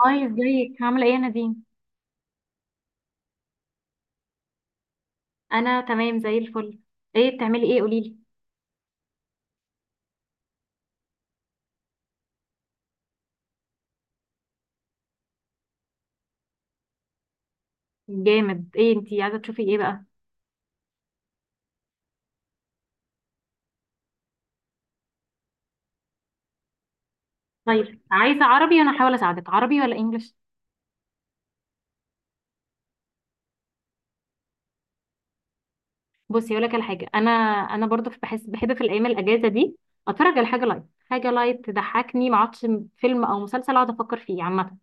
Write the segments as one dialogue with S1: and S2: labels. S1: هاي ازيك عاملة ايه يا نادين؟ انا تمام زي الفل. ايه بتعملي ايه قوليلي. جامد، ايه انتي عايزة تشوفي ايه بقى؟ طيب عايزة عربي وانا هحاول اساعدك، عربي ولا انجلش؟ بصي اقول لك على حاجة، انا انا برضو بحس بحب في الايام الاجازة دي اتفرج على حاجة لايت. حاجة لايت تضحكني ما اقعدش فيلم او مسلسل اقعد افكر فيه عامة.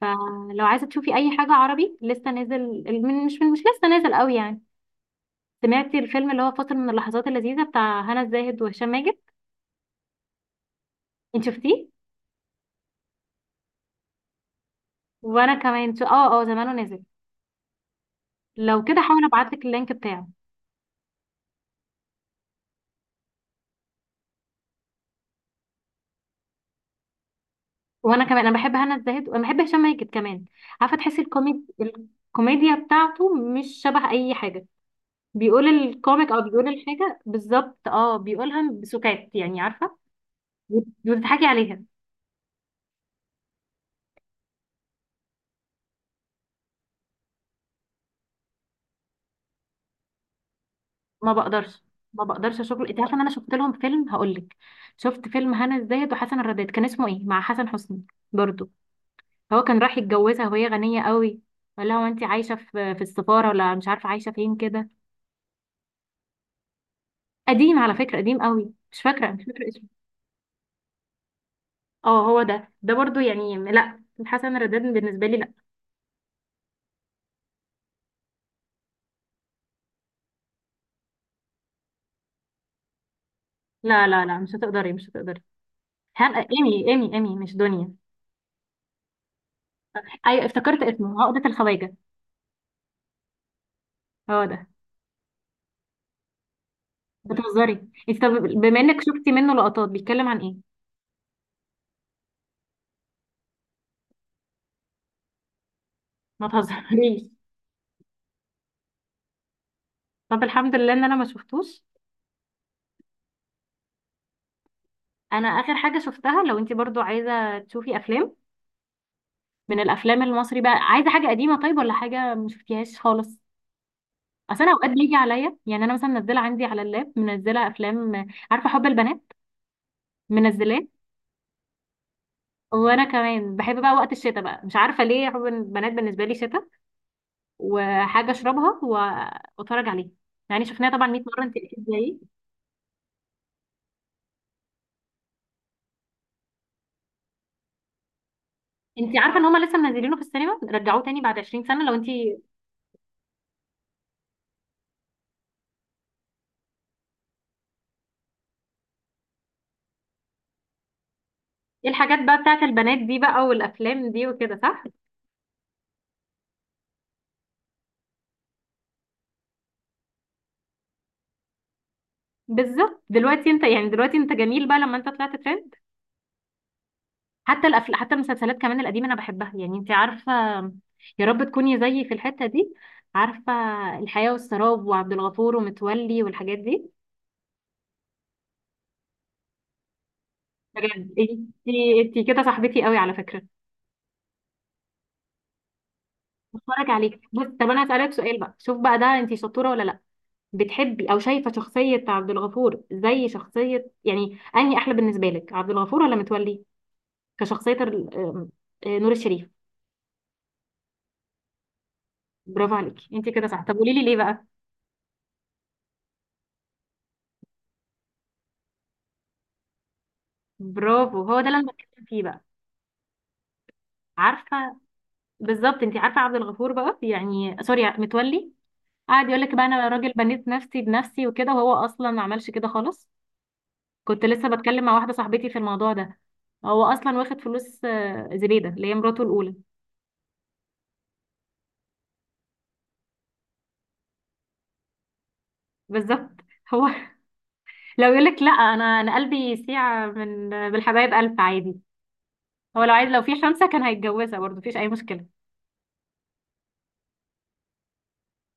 S1: فلو عايزة تشوفي اي حاجة عربي لسه نازل، من مش لسه نازل قوي يعني، سمعتي الفيلم اللي هو فاصل من اللحظات اللذيذة بتاع هنا الزاهد وهشام ماجد؟ انت شفتيه؟ وانا كمان زمانه نازل. لو كده حاول ابعت لك اللينك بتاعه. وانا كمان انا بحب هنا الزاهد وانا بحب هشام ماجد كمان. عارفه تحسي الكوميديا بتاعته مش شبه اي حاجه. بيقول الكوميك او بيقول الحاجه بالظبط، اه بيقولها بسكات يعني عارفه، وتضحكي عليها. ما بقدرش، ما بقدرش اشوف. انت عارفه ان انا شفت لهم فيلم، هقول لك، شفت فيلم هنا الزاهد وحسن الرداد، كان اسمه ايه مع حسن حسني برضو. هو كان راح يتجوزها وهي غنيه قوي، ولا هو انت عايشه في السفاره ولا مش عارفه عايشه فين كده. قديم على فكرة، قديم قوي، مش فاكرة، مش فاكرة اسمه. اه هو ده، ده برضو يعني، لا حسن الرداد بالنسبة لي لا. لا لا لا، مش هتقدري مش هتقدري. هان ايمي ايمي ايمي مش دنيا. ايوه افتكرت اسمه، عقدة الخواجة. هو ده. بتهزري انت؟ طب بما انك شفتي منه لقطات، بيتكلم عن ايه؟ ما تهزريش. طب الحمد لله ان انا ما شفتوش. انا اخر حاجة شفتها، لو انت برضو عايزة تشوفي افلام من الافلام المصري بقى، عايزة حاجة قديمة طيب، ولا حاجة ما شفتيهاش خالص؟ اصل انا اوقات بيجي عليا يعني، انا مثلا منزله عندي على اللاب، منزله افلام، عارفه حب البنات، منزلاه. وانا كمان بحب بقى وقت الشتاء بقى، مش عارفه ليه، حب البنات بالنسبه لي شتاء وحاجه اشربها واتفرج عليها. يعني شفناها طبعا 100 مره، انت اكيد زيي. انت عارفه ان هما لسه منزلينه في السينما، رجعوه تاني بعد 20 سنه، لو انت ايه الحاجات بقى بتاعت البنات دي بقى والافلام دي وكده صح. بالظبط دلوقتي انت يعني، دلوقتي انت جميل بقى لما انت طلعت ترند. حتى المسلسلات كمان القديمة أنا بحبها، يعني أنت عارفة، يا رب تكوني زيي في الحتة دي، عارفة، الحياة والسراب وعبد الغفور ومتولي والحاجات دي. بجد انتي انتي كده صاحبتي قوي على فكرة. بتفرج عليك، بص طب أنا هسألك سؤال بقى، شوف بقى ده أنتي شطورة ولا لأ. بتحبي أو شايفة شخصية عبد الغفور زي شخصية، يعني أنهي أحلى بالنسبة لك، عبد الغفور ولا متولي؟ كشخصية ال- آم، نور الشريف. برافو عليكي انتي كده صح، طب قولي لي ليه بقى. برافو، هو ده اللي أنا بتكلم فيه بقى. عارفه، بالظبط، انت عارفه عبد الغفور بقى، يعني سوري متولي، قاعد يقول لك بقى انا راجل بنيت نفسي بنفسي وكده، وهو اصلا ما عملش كده خالص. كنت لسه بتكلم مع واحده صاحبتي في الموضوع ده. هو اصلا واخد فلوس زبيده اللي هي مراته الاولى. بالظبط. هو لو يقول لك لا، انا انا قلبي يسيع من بالحبايب الف عادي. هو لو عايز، لو في خمسه كان هيتجوزها برضه، مفيش اي مشكله.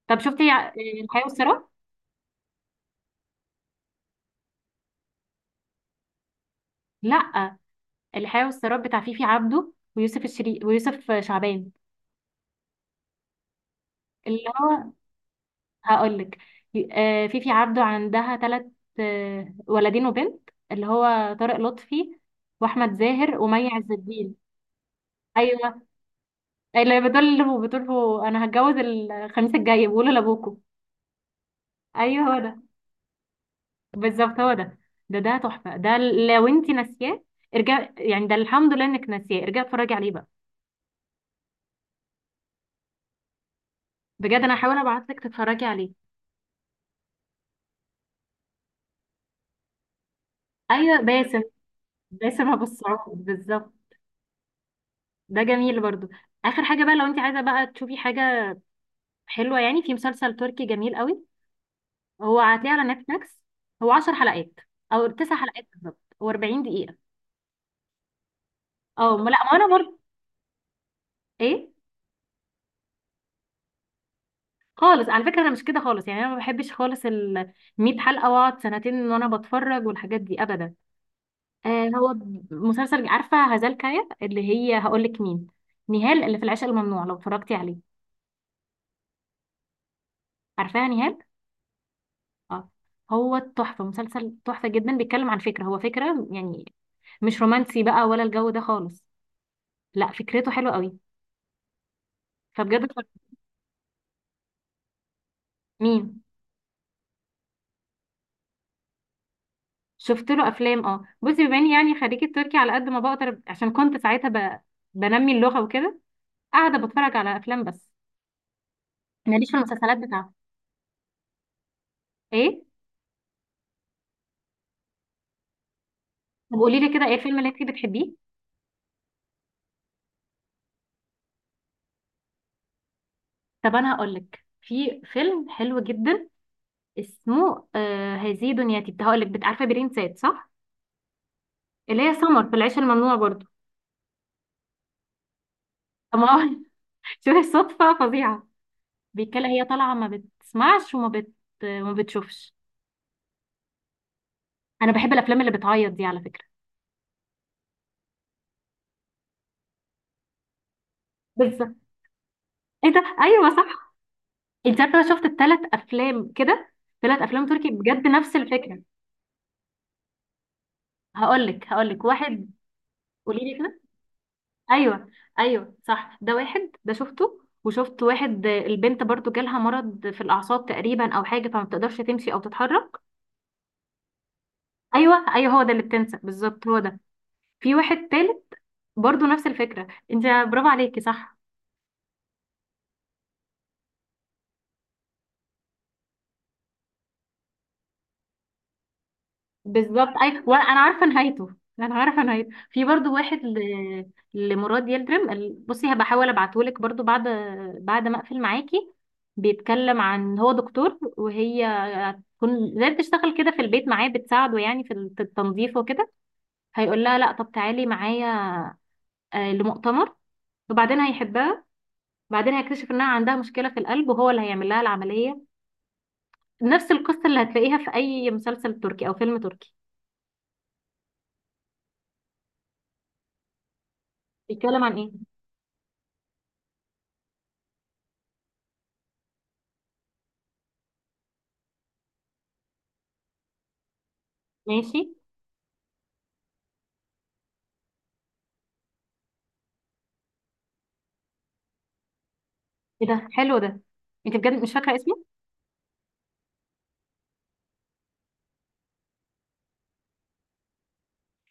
S1: طب شفتي الحياه والسراب؟ لا، الحياه والسراب بتاع فيفي عبده ويوسف شعبان. اللي هو، هقول لك، فيفي عبده عندها ثلاث، ولدين وبنت، اللي هو طارق لطفي واحمد زاهر ومي عز الدين. ايوه. اللي بتقول له، بتقول له انا هتجوز الخميس الجاي، بقوله لابوكو. ايوه هو ده. بالظبط هو ده، ده ده تحفه ده. لو انت ناسياه ارجع، يعني ده الحمد لله انك ناسياه، ارجع اتفرجي عليه بقى. بجد انا هحاول ابعت لك تتفرجي عليه. ايوه باسم، باسم ابو السعود بالظبط. ده جميل برضو. اخر حاجه بقى، لو انت عايزه بقى تشوفي حاجه حلوة يعني، في مسلسل تركي جميل قوي، هو هتلاقيه على نتفليكس، هو 10 حلقات او 9 حلقات بالظبط، و40 دقيقة. اه ما لا ما انا برضه، ايه، خالص على فكرة انا مش كده خالص يعني، انا ما بحبش خالص ال 100 حلقة واقعد سنتين وانا بتفرج والحاجات دي ابدا. آه هو مسلسل، عارفة هزال كايا اللي هي، هقول لك مين، نهال اللي في العشق الممنوع لو اتفرجتي عليه، عارفاها نهال، اه. هو تحفة، مسلسل تحفة جدا، بيتكلم عن فكرة، هو فكرة يعني مش رومانسي بقى ولا الجو ده خالص، لا فكرته حلوه قوي. فبجد مين؟ شفت له افلام اه. بصي بما اني يعني خريجه تركي، على قد ما بقدر، عشان كنت ساعتها بنمي اللغه وكده، قاعده بتفرج على افلام بس، ماليش في المسلسلات بتاعته. ايه؟ طب قولي لي كده، ايه الفيلم اللي انت بتحبيه؟ طب انا هقول لك في فيلم حلو جدا، اسمه آه، هذه دنيتي. كنت هقول لك عارفه برين سات صح؟ اللي هي سمر في العيش الممنوع برضه. طب ما هو شوفي الصدفه فظيعه. بيتكلم، هي طالعه ما بتسمعش وما بتشوفش. انا بحب الافلام اللي بتعيط دي على فكره. بالظبط، ايه ده، ايوه صح. انت عارفه انا شفت ال3 افلام كده، 3 افلام تركي بجد نفس الفكره. هقول لك، هقول لك واحد. قولي لي كده. ايوه ايوه صح، ده واحد ده شفته، وشفت واحد البنت برضو جالها مرض في الاعصاب تقريبا او حاجه، فما بتقدرش تمشي او تتحرك. ايوه ايوه هو ده اللي بتنسى بالظبط، هو ده. في واحد تالت برضو نفس الفكره انت، برافو عليكي صح. بالظبط، اي، وانا انا عارفه نهايته. انا عارفه نهايته. في برضو واحد لمراد يلدرم بصي هبقى احاول ابعتهولك برضو بعد، بعد ما اقفل معاكي. بيتكلم عن، هو دكتور وهي هتكون زي بتشتغل كده في البيت معاه، بتساعده يعني في التنظيف وكده. هيقول لها لا، طب تعالي معايا لمؤتمر، وبعدين هيحبها. بعدين هيكتشف انها عندها مشكله في القلب وهو اللي هيعمل لها العمليه. نفس القصه اللي هتلاقيها في اي مسلسل تركي او فيلم تركي. بيتكلم عن ايه؟ ماشي. ايه ده حلو ده. انت بجد مش فاكره اسمه.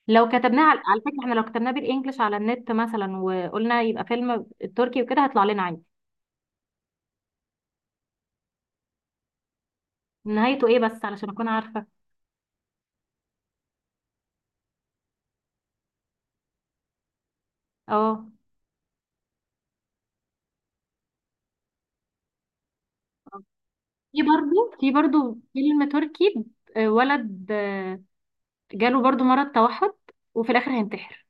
S1: لو كتبناه على, على فكره احنا لو كتبناه بالانجلش على النت مثلا وقلنا يبقى فيلم تركي وكده، هيطلع لنا عادي. نهايته ايه بس علشان اكون عارفه؟ اه في برضو، في برضو فيلم تركي، ولد جاله برضو مرض توحد، وفي الاخر هينتحر،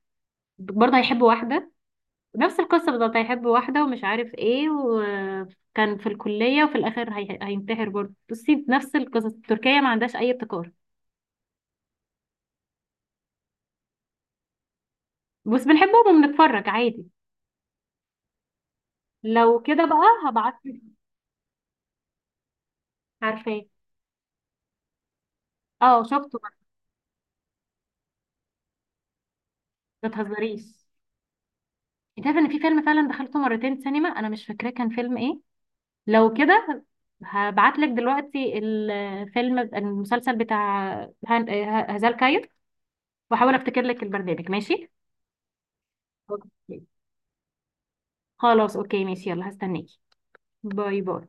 S1: برضه هيحب واحده. نفس القصه بالظبط، هيحب واحده ومش عارف ايه، وكان في الكليه، وفي الاخر هينتحر برضه. بصي نفس القصص، تركيا ما عندهاش اي ابتكار، بس بنحبهم وبنتفرج عادي. لو كده بقى هبعتلك. عارفاه. اه شفته بقى. ما تهزريش. انت عارفه ان في فيلم فعلا دخلته مرتين سينما، انا مش فاكراه، كان فيلم ايه؟ لو كده هبعتلك دلوقتي الفيلم المسلسل بتاع هزال كاير، واحاول افتكر لك البرنامج ماشي. اوكي. خلاص اوكي ماشي، يلا هستناكي. باي باي.